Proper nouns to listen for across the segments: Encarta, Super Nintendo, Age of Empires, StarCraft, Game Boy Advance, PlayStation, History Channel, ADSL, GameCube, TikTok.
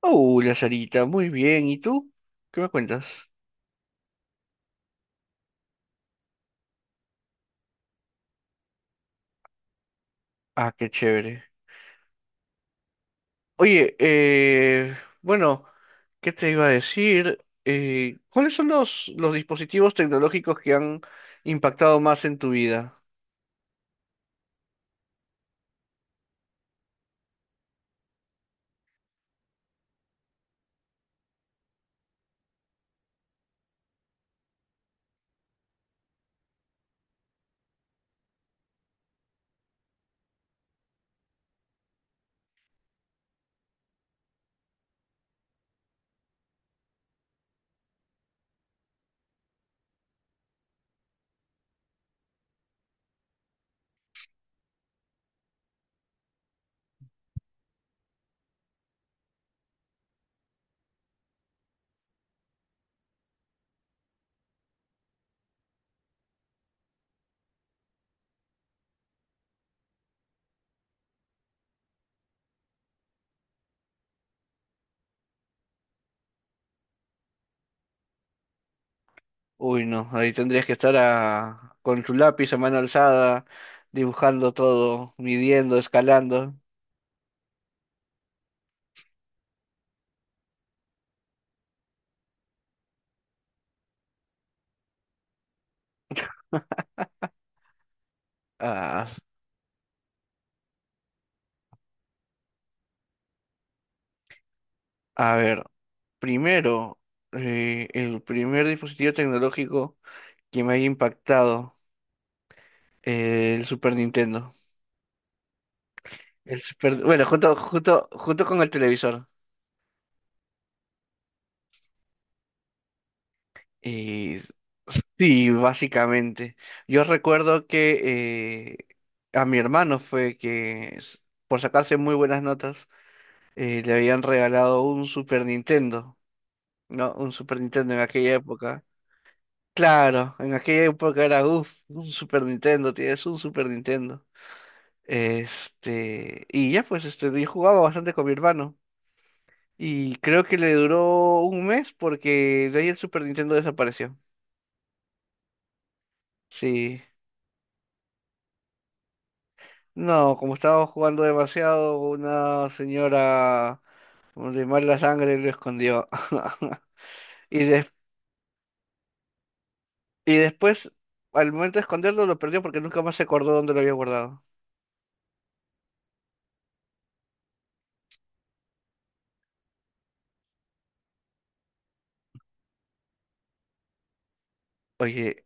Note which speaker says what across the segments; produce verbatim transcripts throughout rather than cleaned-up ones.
Speaker 1: Hola, Sarita, muy bien. ¿Y tú? ¿Qué me cuentas? Ah, qué chévere. Oye, eh, bueno, ¿qué te iba a decir? Eh, ¿cuáles son los, los dispositivos tecnológicos que han impactado más en tu vida? Uy, no, ahí tendrías que estar a- con tu lápiz a mano alzada, dibujando todo, midiendo, escalando. Ah, a ver, primero, eh, el primer dispositivo tecnológico que me haya impactado. Eh, el Super Nintendo. El Super, bueno, junto, junto, junto con el televisor. Y sí, básicamente. Yo recuerdo que eh, a mi hermano fue que, s- por sacarse muy buenas notas, eh, le habían regalado un Super Nintendo, ¿no? Un Super Nintendo en aquella época. Claro, en aquella época era, uff, un Super Nintendo, tienes un Super Nintendo. Este, y ya pues, este, yo jugaba bastante con mi hermano. Y creo que le duró un mes porque de ahí el Super Nintendo desapareció. Sí. No, como estaba jugando demasiado, una señora de mala sangre lo escondió. Y, des- y después, al momento de esconderlo, lo perdió porque nunca más se acordó dónde lo había guardado. Oye,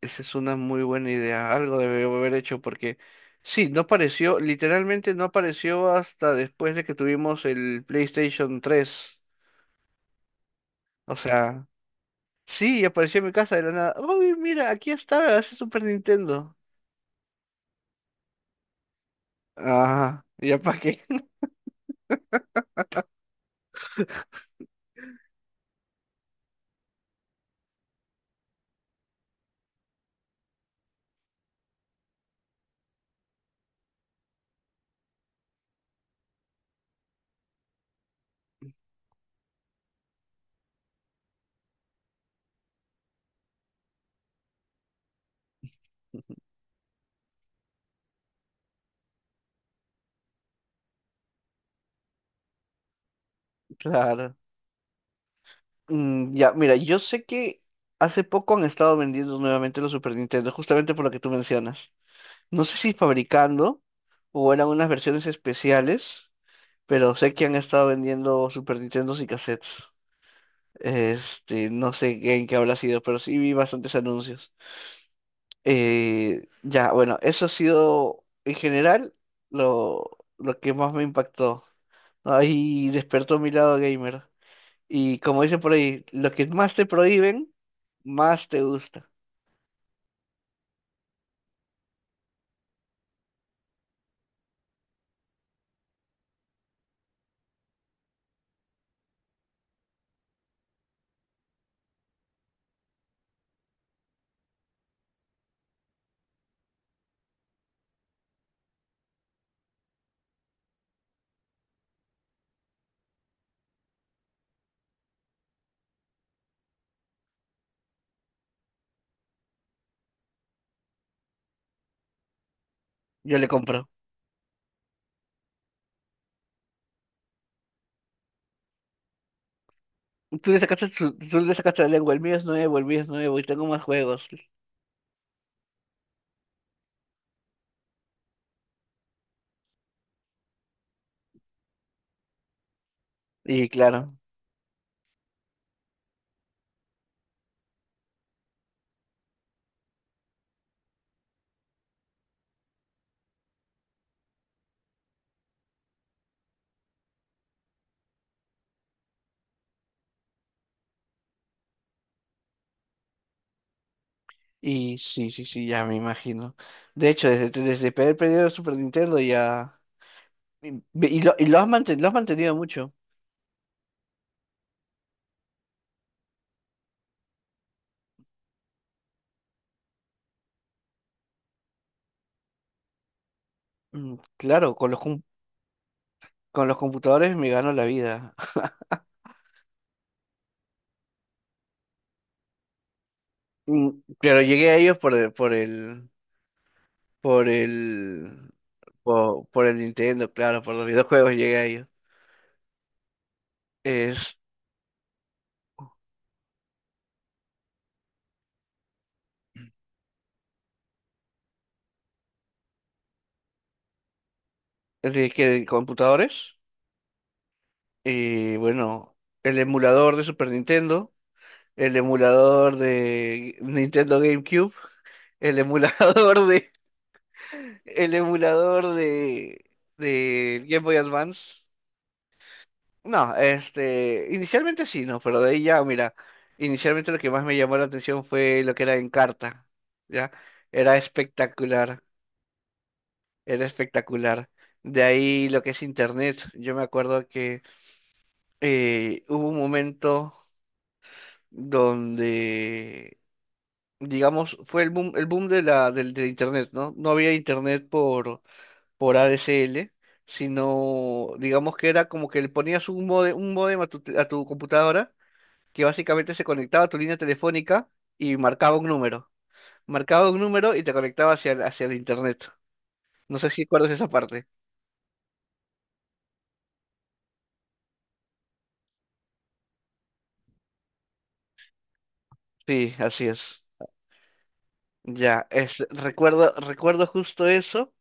Speaker 1: esa es una muy buena idea. Algo debió haber hecho porque sí, no apareció, literalmente no apareció hasta después de que tuvimos el PlayStation tres. O sea, sí, y apareció en mi casa de la nada. Uy, mira, aquí está, ese Super Nintendo. Ajá, ¿ya para qué? Claro. Mm, ya, mira, yo sé que hace poco han estado vendiendo nuevamente los Super Nintendo, justamente por lo que tú mencionas. No sé si fabricando o eran unas versiones especiales, pero sé que han estado vendiendo Super Nintendos y cassettes. Este, no sé en qué habrá sido, pero sí vi bastantes anuncios. Eh, ya, bueno, eso ha sido en general lo, lo que más me impactó. Ahí despertó mi lado gamer. Y como dicen por ahí, lo que más te prohíben, más te gusta. Yo le compro. Tú le sacaste, su- tú le sacaste la lengua, el mío es nuevo, el mío es nuevo y tengo más juegos. Y claro, y sí, sí, sí, ya me imagino. De hecho, desde, desde el periodo de Super Nintendo ya... Y, y lo, y lo has manten- lo has mantenido mucho. Mm, claro, con los, con los computadores me gano la vida. Mm, pero llegué a ellos por el, por el, por el, por, por el Nintendo, claro, por los videojuegos llegué a ellos. Es de que de computadores y bueno, el emulador de Super Nintendo, el emulador de Nintendo GameCube, el emulador de, el emulador de, de Game Boy Advance. No, este, inicialmente sí, no, pero de ahí ya, mira, inicialmente lo que más me llamó la atención fue lo que era Encarta, ¿ya? Era espectacular, era espectacular. De ahí lo que es Internet, yo me acuerdo que eh, hubo un momento donde, digamos, fue el boom, el boom de la, del, de Internet, ¿no? No había Internet por, por A D E ele e, sino, digamos que era como que le ponías un módem, un módem a tu, a tu computadora que básicamente se conectaba a tu línea telefónica y marcaba un número. Marcaba un número y te conectaba hacia el, hacia el internet. No sé si recuerdas esa parte. Sí, así es. Ya, es, recuerdo, recuerdo justo eso,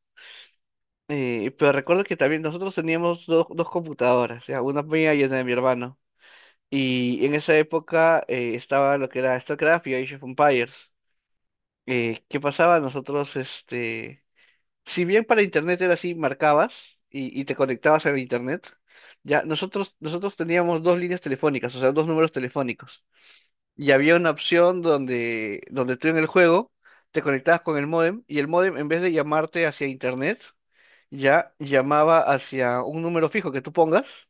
Speaker 1: eh, pero recuerdo que también nosotros teníamos dos dos computadoras, ya, una mía y una de mi hermano. Y en esa época eh, estaba lo que era StarCraft y Age of Empires. Eh, ¿qué pasaba? Nosotros, este, si bien para internet era así, marcabas y, y te conectabas a internet, ya nosotros, nosotros teníamos dos líneas telefónicas, o sea, dos números telefónicos. Y había una opción donde, donde tú en el juego te conectabas con el módem y el módem en vez de llamarte hacia internet, ya llamaba hacia un número fijo que tú pongas,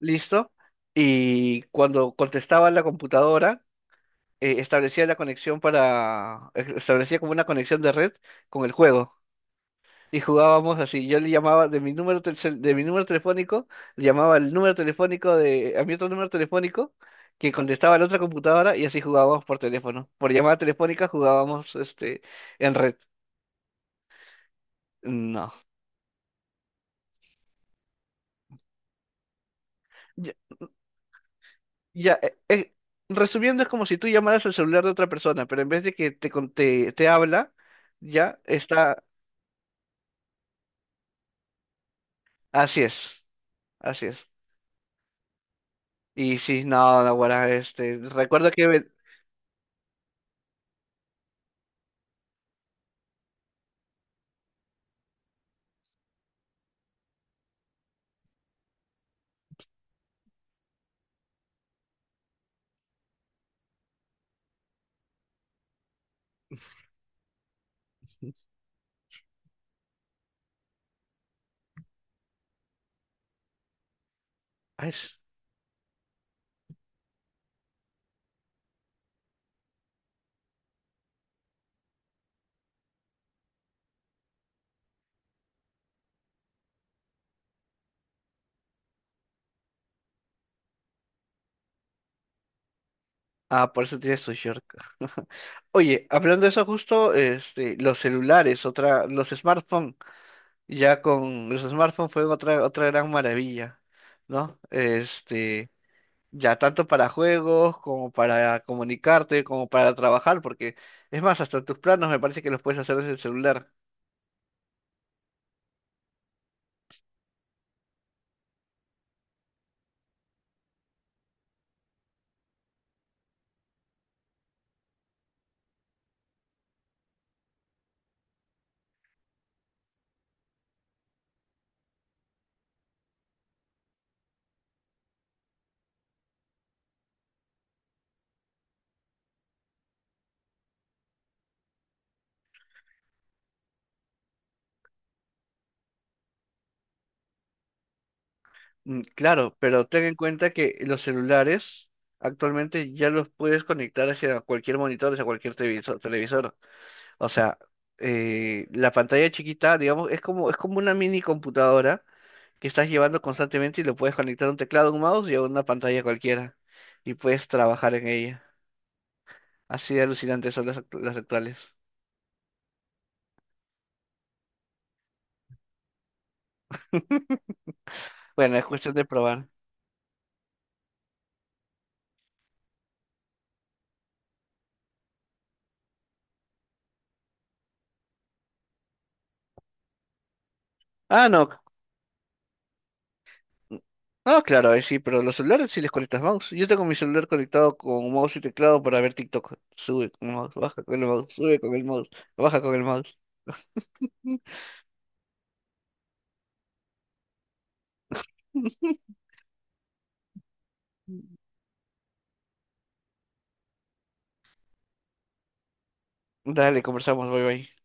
Speaker 1: listo, y cuando contestaba la computadora, eh, establecía la conexión para, establecía como una conexión de red con el juego. Y jugábamos así. Yo le llamaba de mi número telcel- de mi número telefónico, le llamaba el número telefónico de a mi otro número telefónico que contestaba la otra computadora y así jugábamos por teléfono. Por llamada telefónica jugábamos este en red. No. Ya, ya, eh, eh, resumiendo es como si tú llamaras al celular de otra persona, pero en vez de que te con- te, te habla, ya está. Así es. Así es. Y sí, no, no, guarda, este, recuerdo que ven- ay, ah, por eso tienes tu short. Oye, hablando de eso justo, este, los celulares, otra, los smartphones, ya con los smartphones fue otra, otra gran maravilla, ¿no? Este, ya tanto para juegos como para comunicarte, como para trabajar, porque es más, hasta tus planos me parece que los puedes hacer desde el celular. Mm, claro, pero ten en cuenta que los celulares actualmente ya los puedes conectar hacia cualquier monitor, hacia cualquier televisor, televisor. O sea, eh, la pantalla chiquita, digamos, es como, es como una mini computadora que estás llevando constantemente y lo puedes conectar un teclado, un mouse y a una pantalla cualquiera. Y puedes trabajar en ella. Así de alucinantes son las, act- las actuales. Bueno, es cuestión de probar. Ah, no. No, claro, ahí sí, pero los celulares sí les conectas mouse. Yo tengo mi celular conectado con mouse y teclado para ver TikTok. Sube con mouse, baja con el mouse, sube con el mouse, baja con el mouse. Dale, conversamos, bye bye.